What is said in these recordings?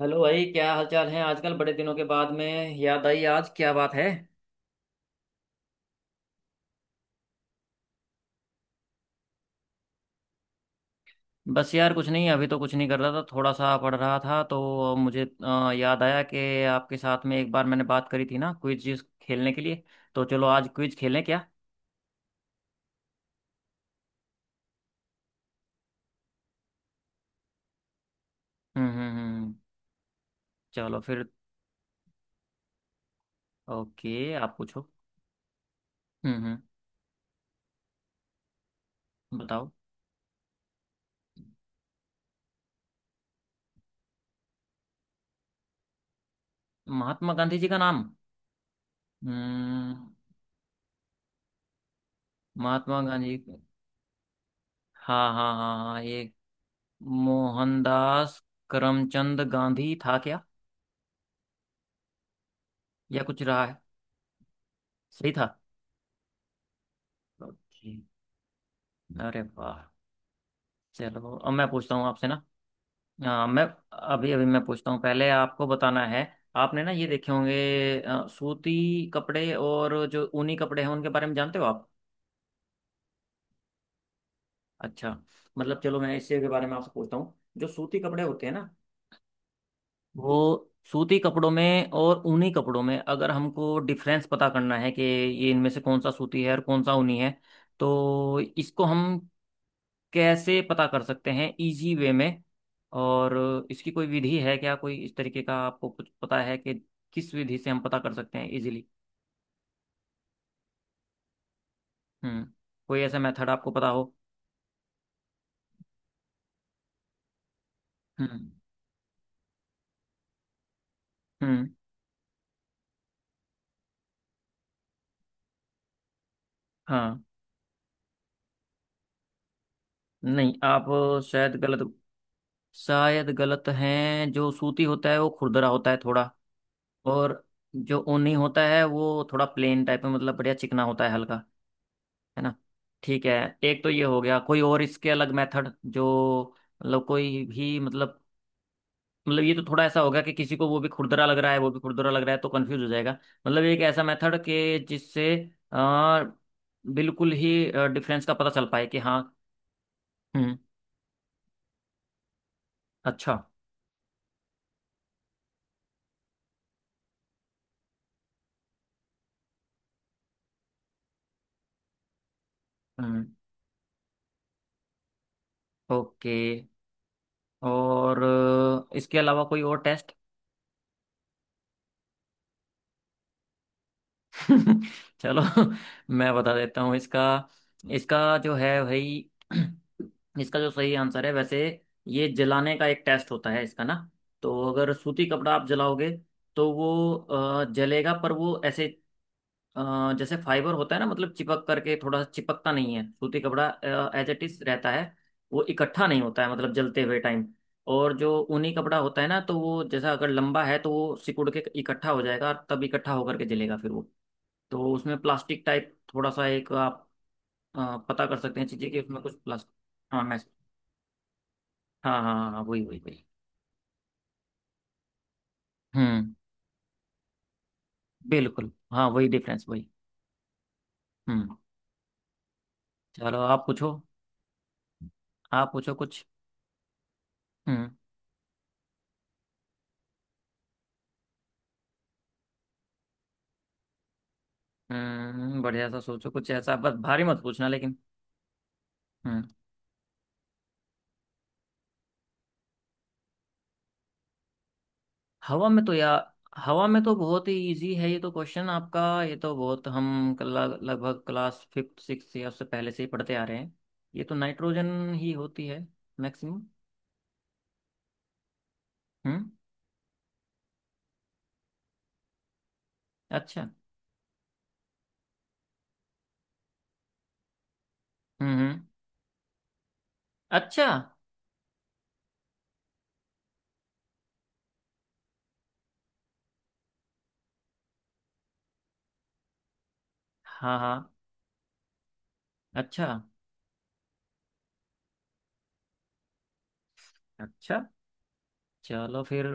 Hello भाई, क्या हालचाल है आजकल? बड़े दिनों के बाद में याद आई, आज क्या बात है? बस यार, कुछ नहीं। अभी तो कुछ नहीं कर रहा था, थोड़ा सा पढ़ रहा था। तो मुझे याद आया कि आपके साथ में एक बार मैंने बात करी थी ना, क्विज खेलने के लिए। तो चलो आज क्विज खेलें क्या? हम्म, हम्म, हम्म। चलो फिर। ओके, आप पूछो। हम्म, हम्म। बताओ। महात्मा गांधी जी का नाम। हम्म। महात्मा गांधी। हाँ, हाँ, हाँ, हाँ, ये मोहनदास करमचंद गांधी था क्या? या कुछ रहा है? सही था। ओके। अरे वाह! चलो, अब मैं पूछता हूँ आपसे ना। अ, मैं अभी अभी मैं पूछता हूँ, पहले आपको बताना है। आपने ना ये देखे होंगे सूती कपड़े, और जो ऊनी कपड़े हैं उनके बारे में जानते हो आप? अच्छा। मतलब चलो, मैं इसी के बारे में आपसे पूछता हूँ। जो सूती कपड़े होते हैं ना, वो सूती कपड़ों में और ऊनी कपड़ों में अगर हमको डिफरेंस पता करना है कि ये इनमें से कौन सा सूती है और कौन सा ऊनी है, तो इसको हम कैसे पता कर सकते हैं इजी वे में? और इसकी कोई विधि है क्या? कोई इस तरीके का आपको कुछ पता है कि किस विधि से हम पता कर सकते हैं इजीली? हम्म। कोई ऐसा मेथड आपको पता हो? हम्म, हम्म। हाँ। नहीं, आप शायद गलत शायद गलत हैं। जो सूती होता है वो खुरदरा होता है थोड़ा। और जो ऊनी होता है वो थोड़ा प्लेन टाइप में, मतलब बढ़िया चिकना होता है, हल्का। है ना। ठीक है। एक तो ये हो गया, कोई और इसके अलग मेथड जो, मतलब कोई भी, मतलब ये तो थोड़ा ऐसा होगा कि किसी को वो भी खुरदरा लग रहा है, वो भी खुरदरा लग रहा है, तो कंफ्यूज हो जाएगा। मतलब एक ऐसा मेथड के जिससे आ, बिल्कुल ही डिफरेंस का पता चल पाए कि हाँ। हम्म। अच्छा। हम्म। ओके। और इसके अलावा कोई और टेस्ट? चलो। मैं बता देता हूँ इसका। इसका जो है भाई। इसका जो सही आंसर है वैसे, ये जलाने का एक टेस्ट होता है इसका ना। तो अगर सूती कपड़ा आप जलाओगे तो वो जलेगा, पर वो ऐसे, जैसे फाइबर होता है ना, मतलब चिपक करके, थोड़ा सा चिपकता नहीं है सूती कपड़ा। एज इट इज रहता है। वो इकट्ठा नहीं होता है, मतलब जलते हुए टाइम। और जो ऊनी कपड़ा होता है ना, तो वो जैसा, अगर लंबा है तो वो सिकुड़ के इकट्ठा हो जाएगा, और तब इकट्ठा होकर के जलेगा फिर वो। तो उसमें प्लास्टिक टाइप थोड़ा सा, एक आप पता कर सकते हैं चीजें कि उसमें कुछ प्लास्टिक। हाँ मैं हाँ, हाँ, हाँ, हाँ, वही वही वही। हम्म। बिल्कुल, हाँ, वही डिफरेंस वही। हम्म। चलो, आप पूछो। आप पूछो कुछ। हम्म, हम्म। बढ़िया सा सोचो कुछ ऐसा, बस भारी मत पूछना लेकिन। हम्म। हवा में तो यार, हवा में तो बहुत ही इजी है ये तो, क्वेश्चन आपका ये तो बहुत लगभग क्लास फिफ्थ सिक्स या उससे पहले से ही पढ़ते आ रहे हैं। ये तो नाइट्रोजन ही होती है। मैक्सिमम। हम्म। अच्छा। हम्म, हम्म। अच्छा। हाँ, हाँ। अच्छा। अच्छा। चलो फिर।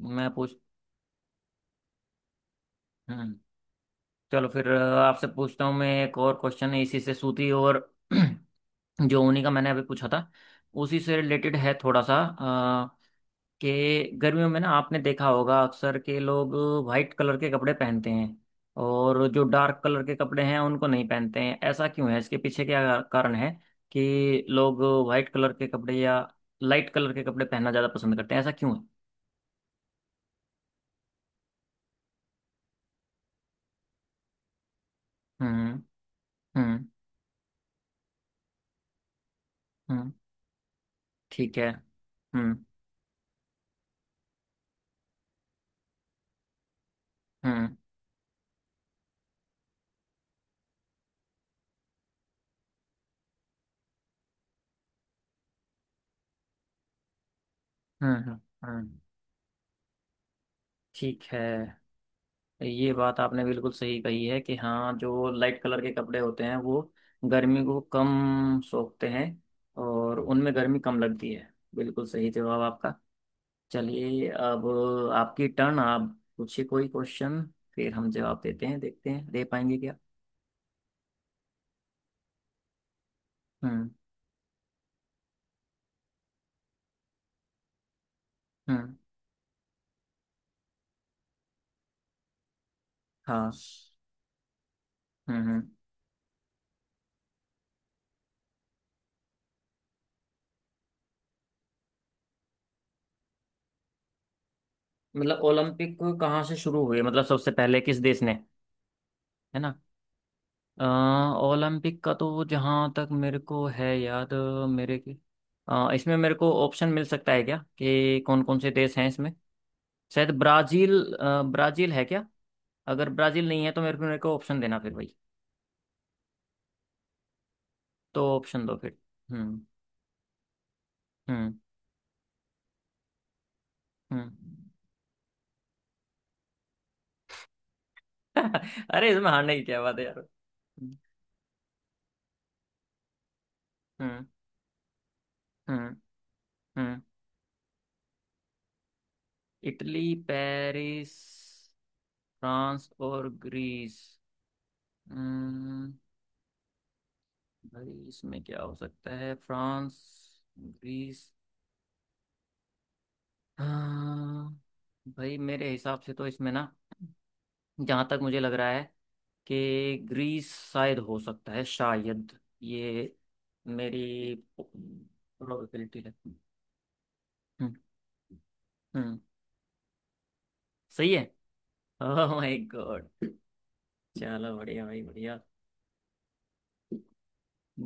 मैं पूछता। हम्म। चलो फिर, आपसे पूछता हूँ मैं एक और क्वेश्चन इसी से सूती और जो ऊनी का मैंने अभी पूछा था, उसी से रिलेटेड है थोड़ा सा। अ, कि गर्मियों में ना, आपने देखा होगा अक्सर के लोग वाइट कलर के कपड़े पहनते हैं। और जो डार्क कलर के कपड़े हैं उनको नहीं पहनते हैं, ऐसा क्यों है? इसके पीछे क्या कारण है कि लोग वाइट कलर के कपड़े या लाइट कलर के कपड़े पहनना ज़्यादा पसंद करते हैं, ऐसा क्यों है? हम्म, हम्म, हम्म। ठीक है, हम्म। हम्म, हम्म, हम्म, हम्म। ठीक है। ये बात आपने बिल्कुल सही कही है कि हाँ, जो लाइट कलर के कपड़े होते हैं वो गर्मी को कम सोखते हैं, और उनमें गर्मी कम लगती है। बिल्कुल सही जवाब आपका। चलिए अब, आपकी टर्न, आप पूछिए कोई क्वेश्चन। फिर हम जवाब देते हैं, देखते हैं दे पाएंगे क्या। हम्म, हम्म। हाँ। हम्म, हम्म। मतलब ओलंपिक कहाँ से शुरू हुए? मतलब सबसे पहले किस देश ने? है ना। अ, ओलंपिक का तो जहाँ तक मेरे को है याद, अ, मेरे की इसमें मेरे को ऑप्शन मिल सकता है क्या कि कौन कौन से देश हैं इसमें? शायद ब्राजील, ब्राजील है क्या? अगर ब्राजील नहीं है तो मेरे को ऑप्शन देना फिर भाई। तो ऑप्शन दो फिर। हम्म, हम्म, हम्म। अरे, इसमें हारने की क्या बात है यार? हम्म, हम्म, हम्म, हम्म। इटली, पेरिस, फ्रांस और ग्रीस। हम्म। भाई इसमें क्या हो सकता है, फ्रांस, ग्रीस, हाँ। भाई मेरे हिसाब से तो इसमें ना, जहाँ तक मुझे लग रहा है कि ग्रीस शायद हो सकता है, शायद, ये मेरी प्रोबेबिलिटी है। हम्म, हम्म। सही है। Oh my god. चलो बढ़िया भाई, बढ़िया।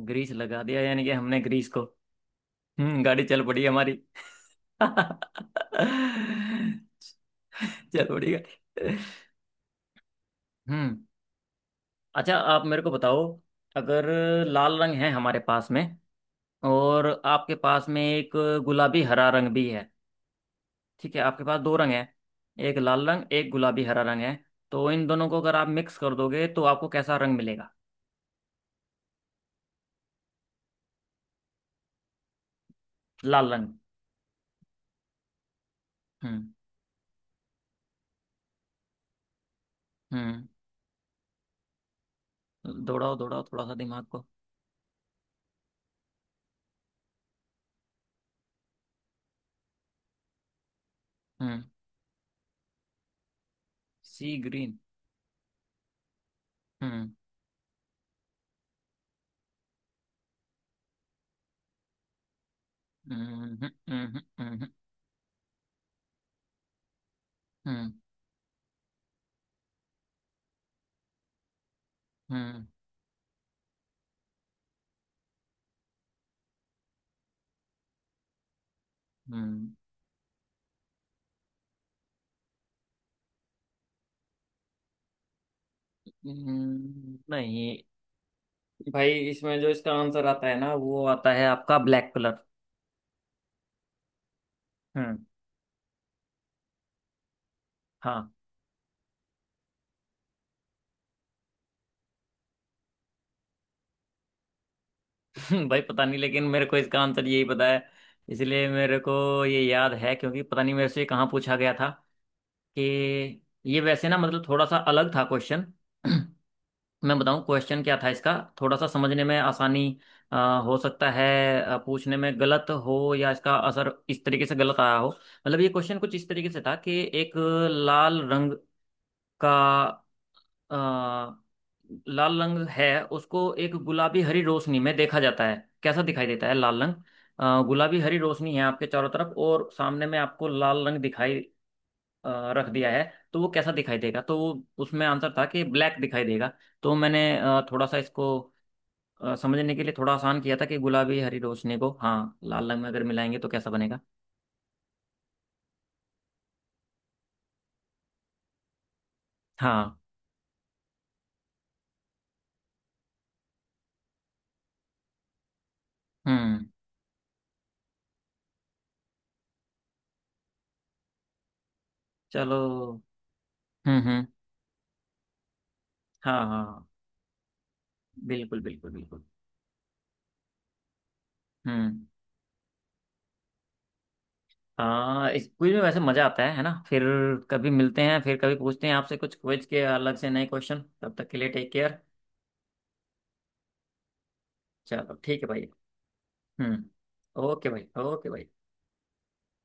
ग्रीस लगा दिया, यानी कि हमने ग्रीस को। हम्म, गाड़ी चल पड़ी हमारी। चल बढ़िया। हम्म। अच्छा, आप मेरे को बताओ, अगर लाल रंग है हमारे पास में, और आपके पास में एक गुलाबी हरा रंग भी है। ठीक है, आपके पास दो रंग है, एक लाल रंग, एक गुलाबी हरा रंग है। तो इन दोनों को अगर आप मिक्स कर दोगे तो आपको कैसा रंग मिलेगा? लाल रंग। हम्म। हम्म, दौड़ाओ दौड़ाओ थोड़ा सा दिमाग को। हम्म। सी ग्रीन। हम्म, हम्म, हम्म, हम्म, हम्म, हम्म, हम्म, नहीं। भाई इसमें जो इसका आंसर आता है ना, वो आता है आपका ब्लैक कलर। हम्म। हाँ। भाई पता नहीं लेकिन मेरे को इसका आंसर यही पता है। इसलिए मेरे को ये याद है क्योंकि पता नहीं मेरे से कहाँ पूछा गया था कि ये वैसे ना, मतलब थोड़ा सा अलग था क्वेश्चन। मैं बताऊँ क्वेश्चन क्या था इसका, थोड़ा सा समझने में आसानी। अ, हो सकता है पूछने में गलत हो, या इसका असर इस तरीके से गलत आया हो। मतलब ये क्वेश्चन कुछ इस तरीके से था कि एक लाल रंग का अ, लाल रंग है, उसको एक गुलाबी हरी रोशनी में देखा जाता है, कैसा दिखाई देता है लाल रंग? गुलाबी हरी रोशनी है आपके चारों तरफ और सामने में आपको लाल रंग दिखाई रख दिया है, तो वो कैसा दिखाई देगा? तो वो उसमें आंसर था कि ब्लैक दिखाई देगा। तो मैंने थोड़ा सा इसको समझने के लिए थोड़ा आसान किया था कि गुलाबी हरी रोशनी को, हाँ, लाल रंग में अगर मिलाएंगे तो कैसा बनेगा? हाँ। हम्म। चलो। हम्म, हम्म। हाँ, हाँ, हाँ, बिल्कुल बिल्कुल बिल्कुल। हम्म। हाँ, इस क्विज में वैसे मजा आता है ना? फिर कभी मिलते हैं, फिर कभी पूछते हैं आपसे कुछ क्विज के अलग से नए क्वेश्चन। तब तक के लिए टेक केयर। चलो ठीक है भाई। हम्म। ओके भाई, ओके भाई।